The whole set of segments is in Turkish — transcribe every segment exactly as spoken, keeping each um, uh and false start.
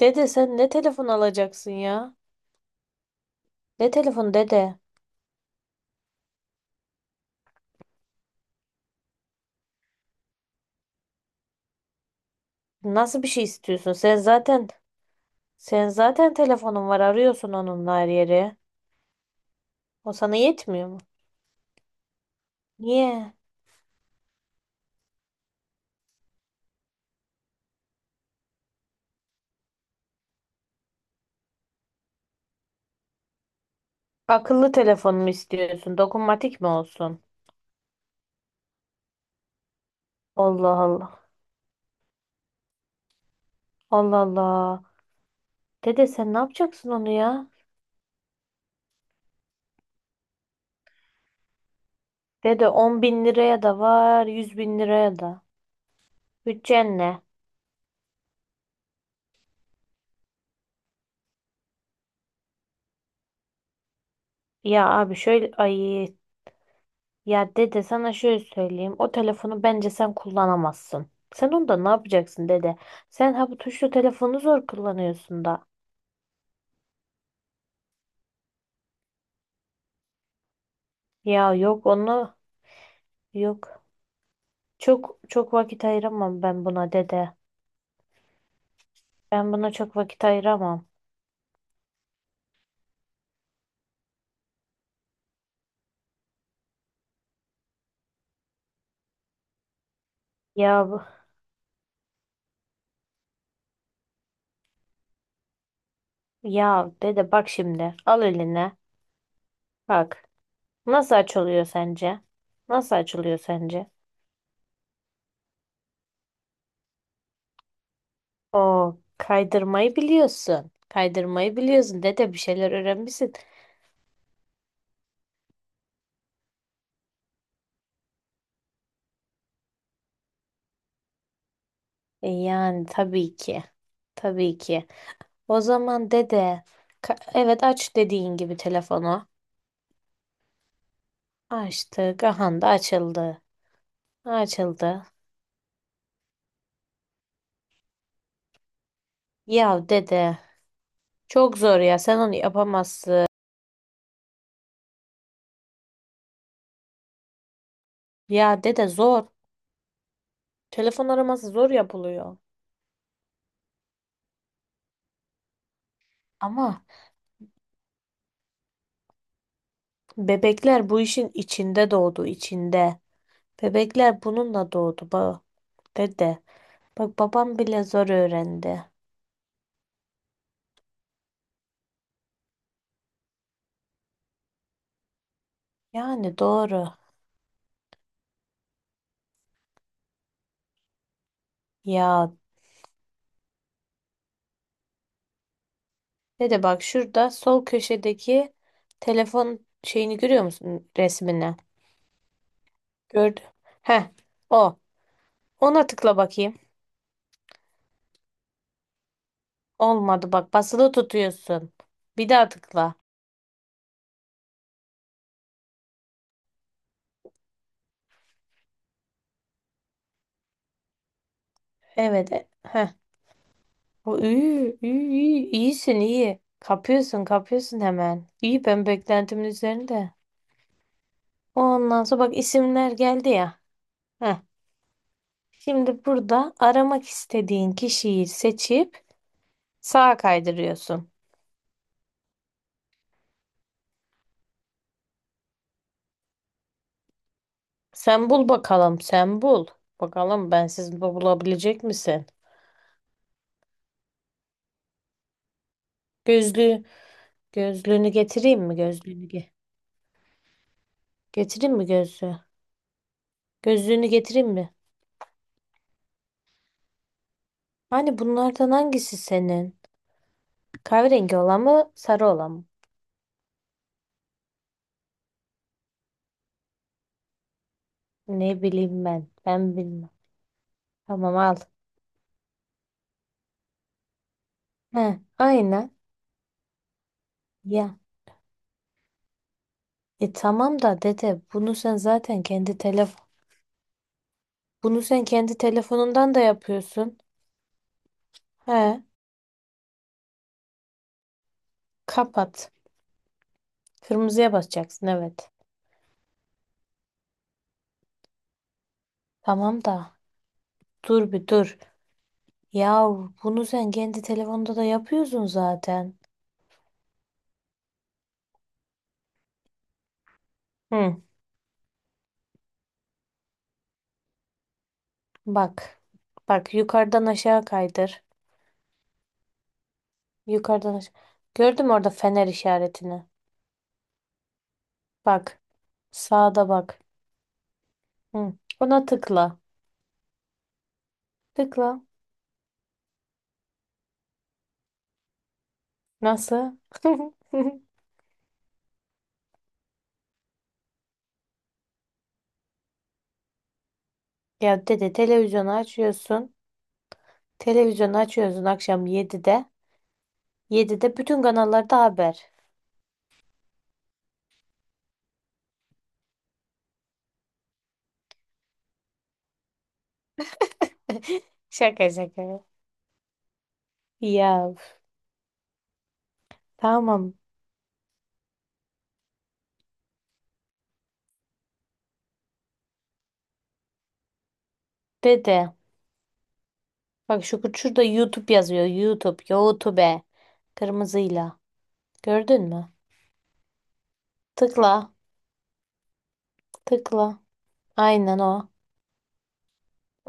Dede sen ne telefon alacaksın ya? Ne telefon dede? Nasıl bir şey istiyorsun? Sen zaten sen zaten telefonun var arıyorsun onunla her yere. O sana yetmiyor mu? Niye? Akıllı telefon mu istiyorsun? Dokunmatik mi olsun? Allah Allah. Allah Allah. Dede sen ne yapacaksın onu ya? Dede, on bin liraya da var, yüz bin liraya da. Bütçen ne? Ya abi şöyle ay. Ya dede sana şöyle söyleyeyim. O telefonu bence sen kullanamazsın. Sen onda ne yapacaksın dede? Sen ha bu tuşlu telefonu zor kullanıyorsun da. Ya yok onu yok. Çok çok vakit ayıramam ben buna dede. Ben buna çok vakit ayıramam. Ya bu- Ya dede bak şimdi. Al eline. Bak. Nasıl açılıyor sence? Nasıl açılıyor sence? O kaydırmayı biliyorsun. Kaydırmayı biliyorsun dede, bir şeyler öğrenmişsin. E yani tabii ki. Tabii ki. O zaman dede, ka- evet, aç dediğin gibi telefonu. Açtık. Aha da açıldı. Açıldı. Ya dede, çok zor ya. Sen onu yapamazsın. Ya dede zor. Telefon araması zor yapılıyor. Ama bebekler bu işin içinde doğdu, içinde. Bebekler bununla doğdu ba dede. Bak babam bile zor öğrendi. Yani doğru. Ya, ne de bak şurada sol köşedeki telefon şeyini görüyor musun, resmini? Gördüm. Heh, o. Ona tıkla bakayım. Olmadı, bak basılı tutuyorsun. Bir daha tıkla. Evet. e- Heh. O, iyi, iyi, iyi. İyisin iyi. Kapıyorsun kapıyorsun hemen. İyi, ben beklentimin üzerinde. Ondan sonra bak, isimler geldi ya. Heh. Şimdi burada aramak istediğin kişiyi seçip sağa kaydırıyorsun. Sen bul bakalım, sen bul. Bakalım bensiz bu- bulabilecek misin? Gözlüğü, gözlüğünü getireyim mi? Gözlüğünü ge- getireyim mi gözlüğü? Gözlüğünü getireyim mi? Hani bunlardan hangisi senin? Kahverengi olan mı, sarı olan mı? Ne bileyim ben, ben bilmem. Tamam, al. He, aynen. Ya. E tamam da dede, bunu sen zaten kendi telefon, bunu sen kendi telefonundan da yapıyorsun. He, kapat. Kırmızıya basacaksın, evet. Tamam da. Dur bir dur. Ya, bunu sen kendi telefonda da yapıyorsun zaten. Hı, bak. Bak yukarıdan aşağı kaydır. Yukarıdan aşağı. Gördün mü orada fener işaretini? Bak. Sağda bak. Hı. Ona tıkla. Tıkla. Nasıl? Ya dede, televizyonu açıyorsun. Televizyonu açıyorsun akşam yedide. yedide bütün kanallarda haber. Şaka şaka. Ya üf. Tamam dede. Bak şu şurada YouTube yazıyor. YouTube, YouTube. Kırmızıyla. Gördün mü? Tıkla, tıkla. Aynen o.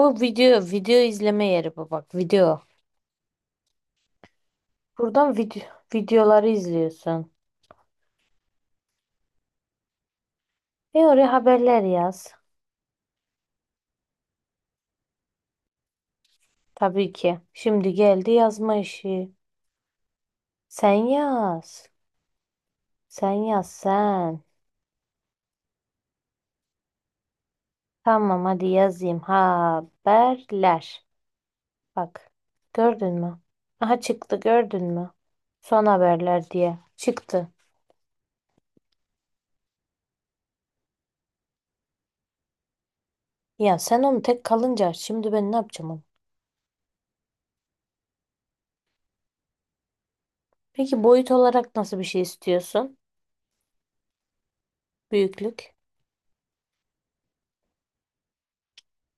O video, video izleme yeri bu, bak video. Buradan video, videoları izliyorsun. E oraya haberler yaz. Tabii ki. Şimdi geldi yazma işi. Sen yaz. Sen yaz sen. Tamam, hadi yazayım haberler. Bak. Gördün mü? Aha çıktı, gördün mü? Son haberler diye. Çıktı. Ya sen onu tek kalınca şimdi ben ne yapacağım onu? Peki boyut olarak nasıl bir şey istiyorsun? Büyüklük.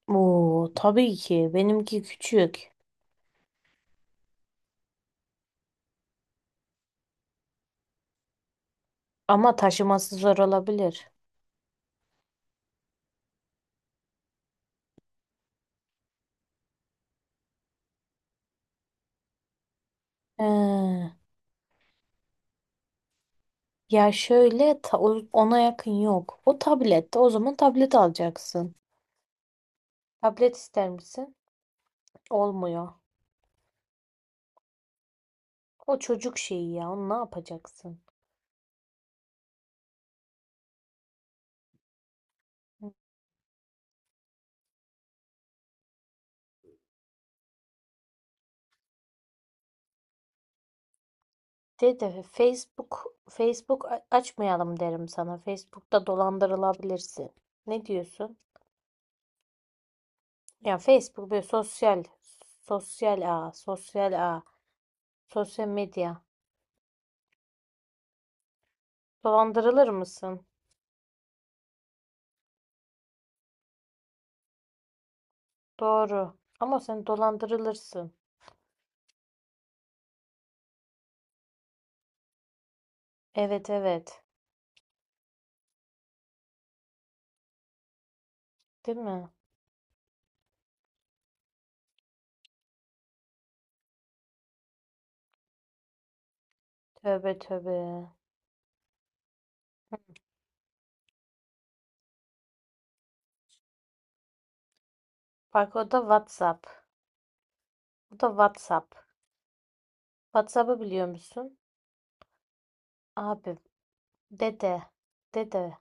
Oo tabii ki. Benimki küçük. Ama taşıması zor olabilir. Ee, ya şöyle ta- o- ona yakın yok. O tablette o zaman tablet alacaksın. Tablet ister misin? Olmuyor. O çocuk şeyi ya. Onu ne yapacaksın? Dede, Facebook Facebook a- açmayalım derim sana. Facebook'ta dolandırılabilirsin. Ne diyorsun? Ya, Facebook böyle sosyal sosyal ağ, sosyal ağ, sosyal medya. Dolandırılır mısın? Doğru. Ama sen dolandırılırsın. Evet evet. Değil mi? Tövbe tövbe. Bak, o da WhatsApp. Bu da WhatsApp. WhatsApp'ı biliyor musun? Abi, dede dede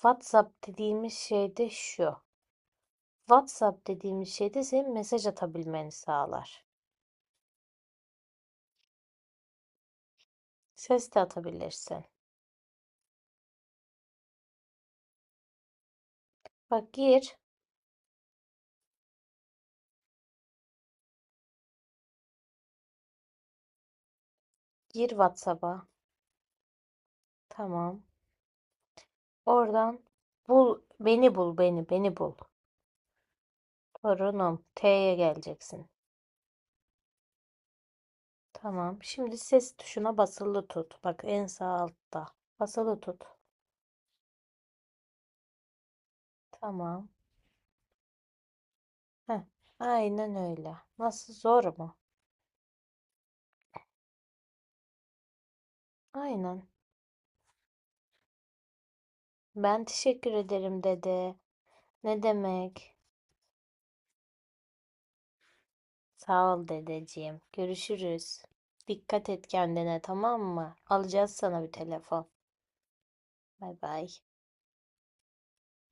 WhatsApp dediğimiz şey de şu. WhatsApp dediğimiz şey de senin mesaj atabilmeni sağlar. Ses de atabilirsin. Bak gir, gir WhatsApp'a. Tamam. Oradan bul, beni bul, beni, beni bul. Torunum, T'ye geleceksin. Tamam. Şimdi ses tuşuna basılı tut. Bak, en sağ altta. Basılı tut. Tamam. Heh. Aynen öyle. Nasıl, zor mu? Aynen. Ben teşekkür ederim dedi. Ne demek? Sağ ol dedeciğim. Görüşürüz. Dikkat et kendine, tamam mı? Alacağız sana bir telefon. Bay bay.